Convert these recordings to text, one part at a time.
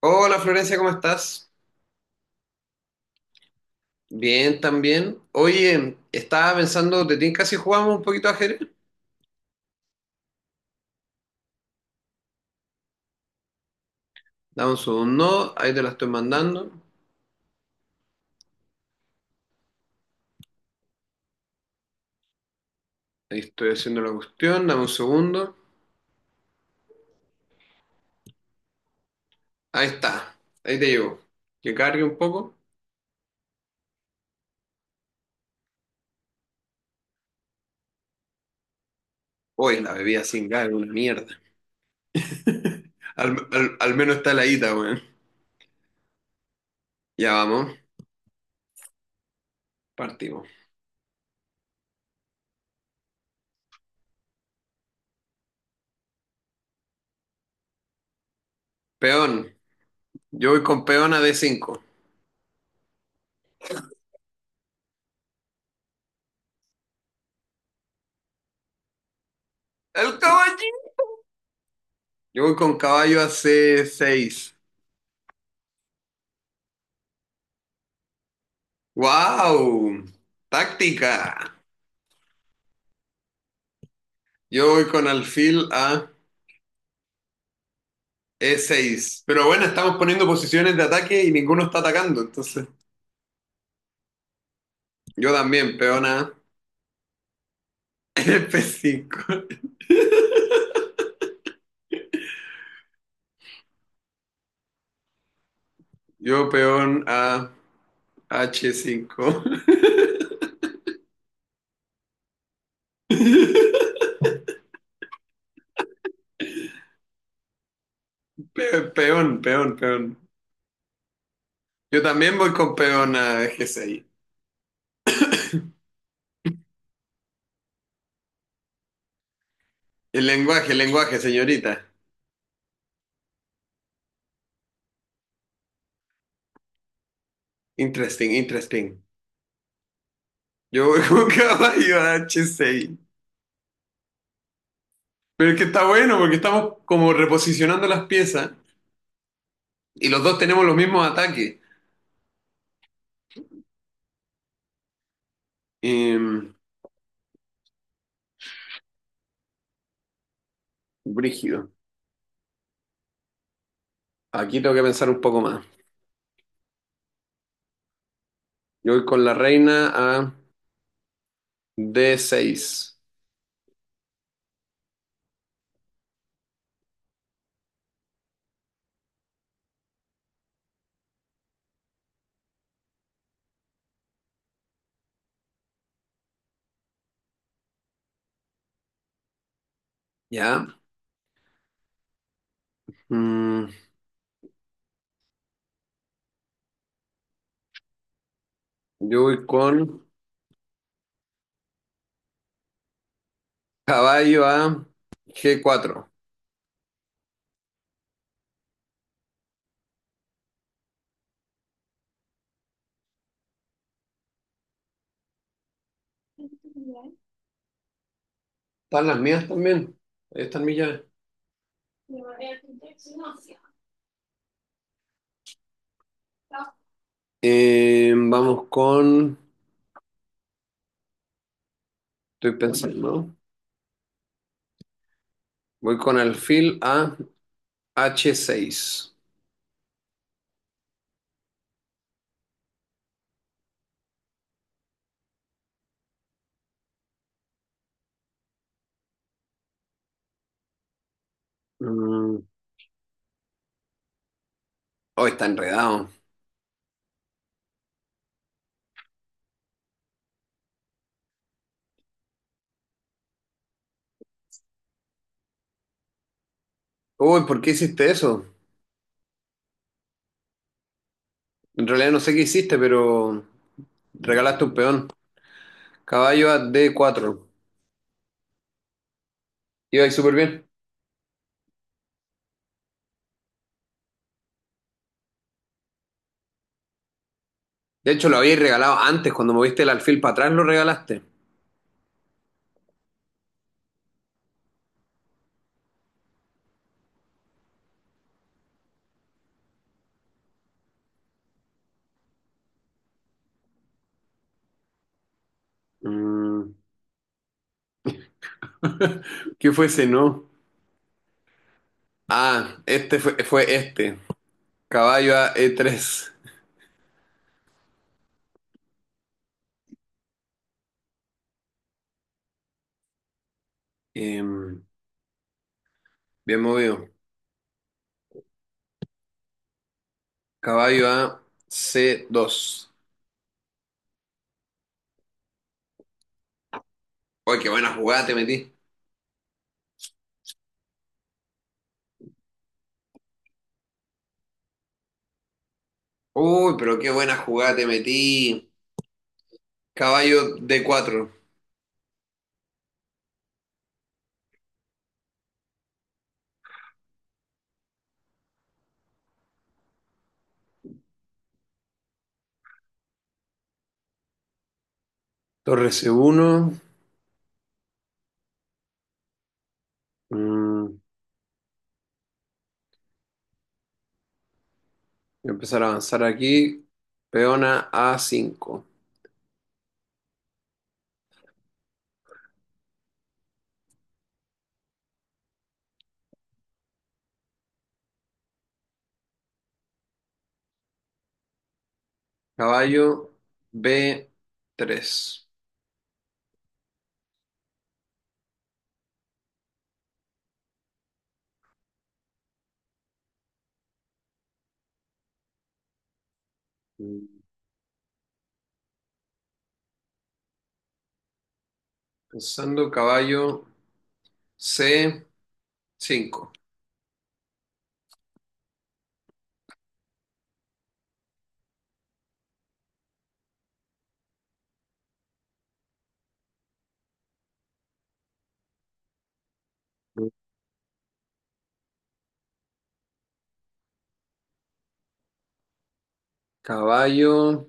Hola Florencia, ¿cómo estás? Bien, también. Oye, estaba pensando, ¿te tinca si jugamos un poquito de ajedrez? Dame un segundo, ahí te la estoy mandando. Ahí estoy haciendo la cuestión, dame un segundo. Ahí está, ahí te llevo. Que cargue un poco. Uy, la bebida sin gas es una mierda. Al menos está la ita, weón. Ya vamos, partimos. Peón, yo voy con peón a d cinco. ¡El caballito! Yo voy con caballo a c seis. ¡Wow! ¡Táctica! Yo voy con alfil a E6. Pero bueno, estamos poniendo posiciones de ataque y ninguno está atacando. Entonces, yo también, peón a F5. Yo peón a H5. Peón, peón, peón. Yo también voy con peón a G6. El lenguaje, señorita. Interesting, interesting. Yo voy con caballo a H6. Pero es que está bueno porque estamos como reposicionando las piezas y los dos tenemos los mismos ataques. Em, Brígido. Aquí tengo que pensar un poco más. Yo voy con la reina a D6. ¿Ya? Mm, yo voy con caballo a G4. ¿Están las mías también? Ahí están mis llaves. Em, vamos con... Estoy pensando. Voy con alfil a H6. Mm, oh, está enredado. Uy, ¿por qué hiciste eso? En realidad no sé qué hiciste, pero regalaste un peón. Caballo a D4. Iba ahí súper bien. De hecho, lo habíais regalado antes, cuando moviste el alfil para atrás, lo regalaste. Mm, ¿qué fue ese no? Ah, este fue este. Caballo a e tres. Em, Bien movido. Caballo a c dos. Uy, qué buena jugada te metí. Uy, pero qué buena jugada te metí. Caballo d cuatro. Torre c uno. Mm, voy a empezar a avanzar aquí. Peona a cinco. Caballo b tres. Pensando caballo c cinco. Caballo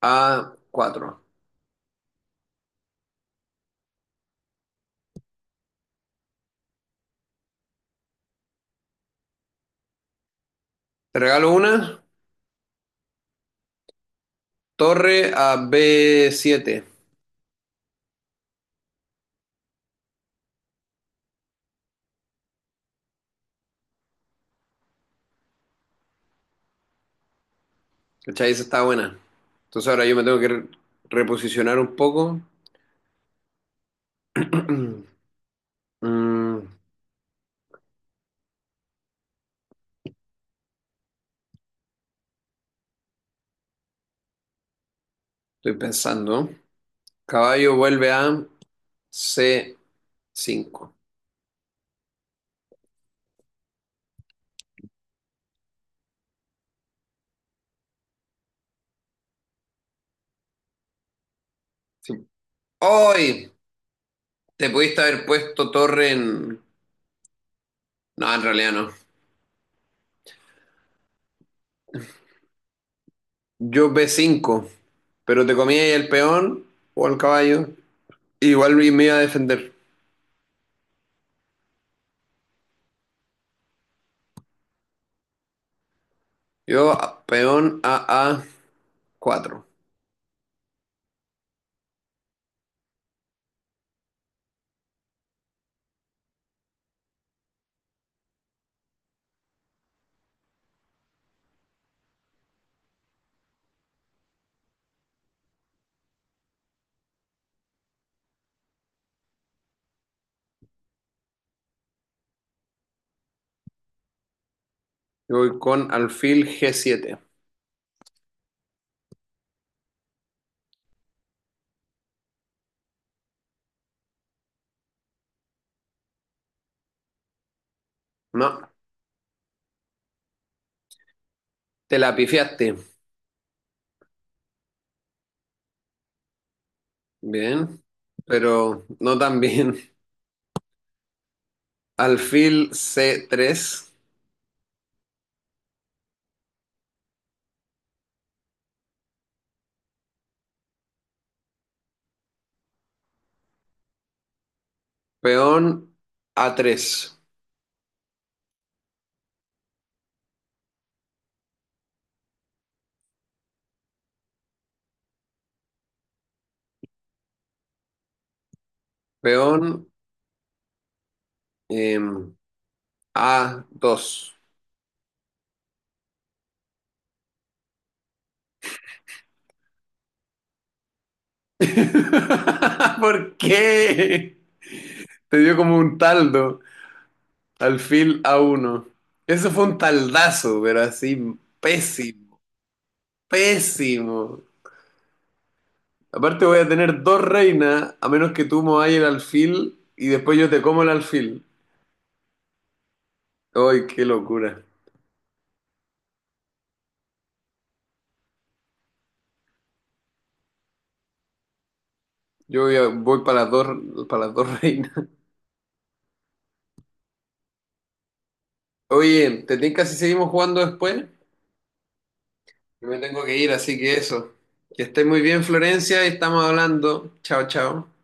a cuatro. Te regalo una. Torre a b siete. ¿Cachai? Esa está buena. Entonces ahora yo me tengo que reposicionar un poco. Mm, estoy pensando. Caballo vuelve a c cinco. Sí. ¡Ay! Te pudiste haber puesto torre en... No, en realidad no. Yo b cinco, pero te comía ahí el peón o el caballo. Igual me iba a defender. Peón a cuatro. Yo voy con alfil g siete. No, te la pifiaste. Bien, pero no tan bien. Alfil c tres, peón a tres, peón em, a dos. ¿Por qué? Te dio como un taldo. Alfil a uno. Eso fue un taldazo, pero así pésimo, pésimo. Aparte voy a tener dos reinas, a menos que tú mováis el alfil y después yo te como el alfil. ¡Ay, qué locura! Voy para las dos reinas. Oye, ¿te tinca si seguimos jugando después? Yo me tengo que ir, así que eso. Que estés muy bien, Florencia, y estamos hablando. Chao, chao.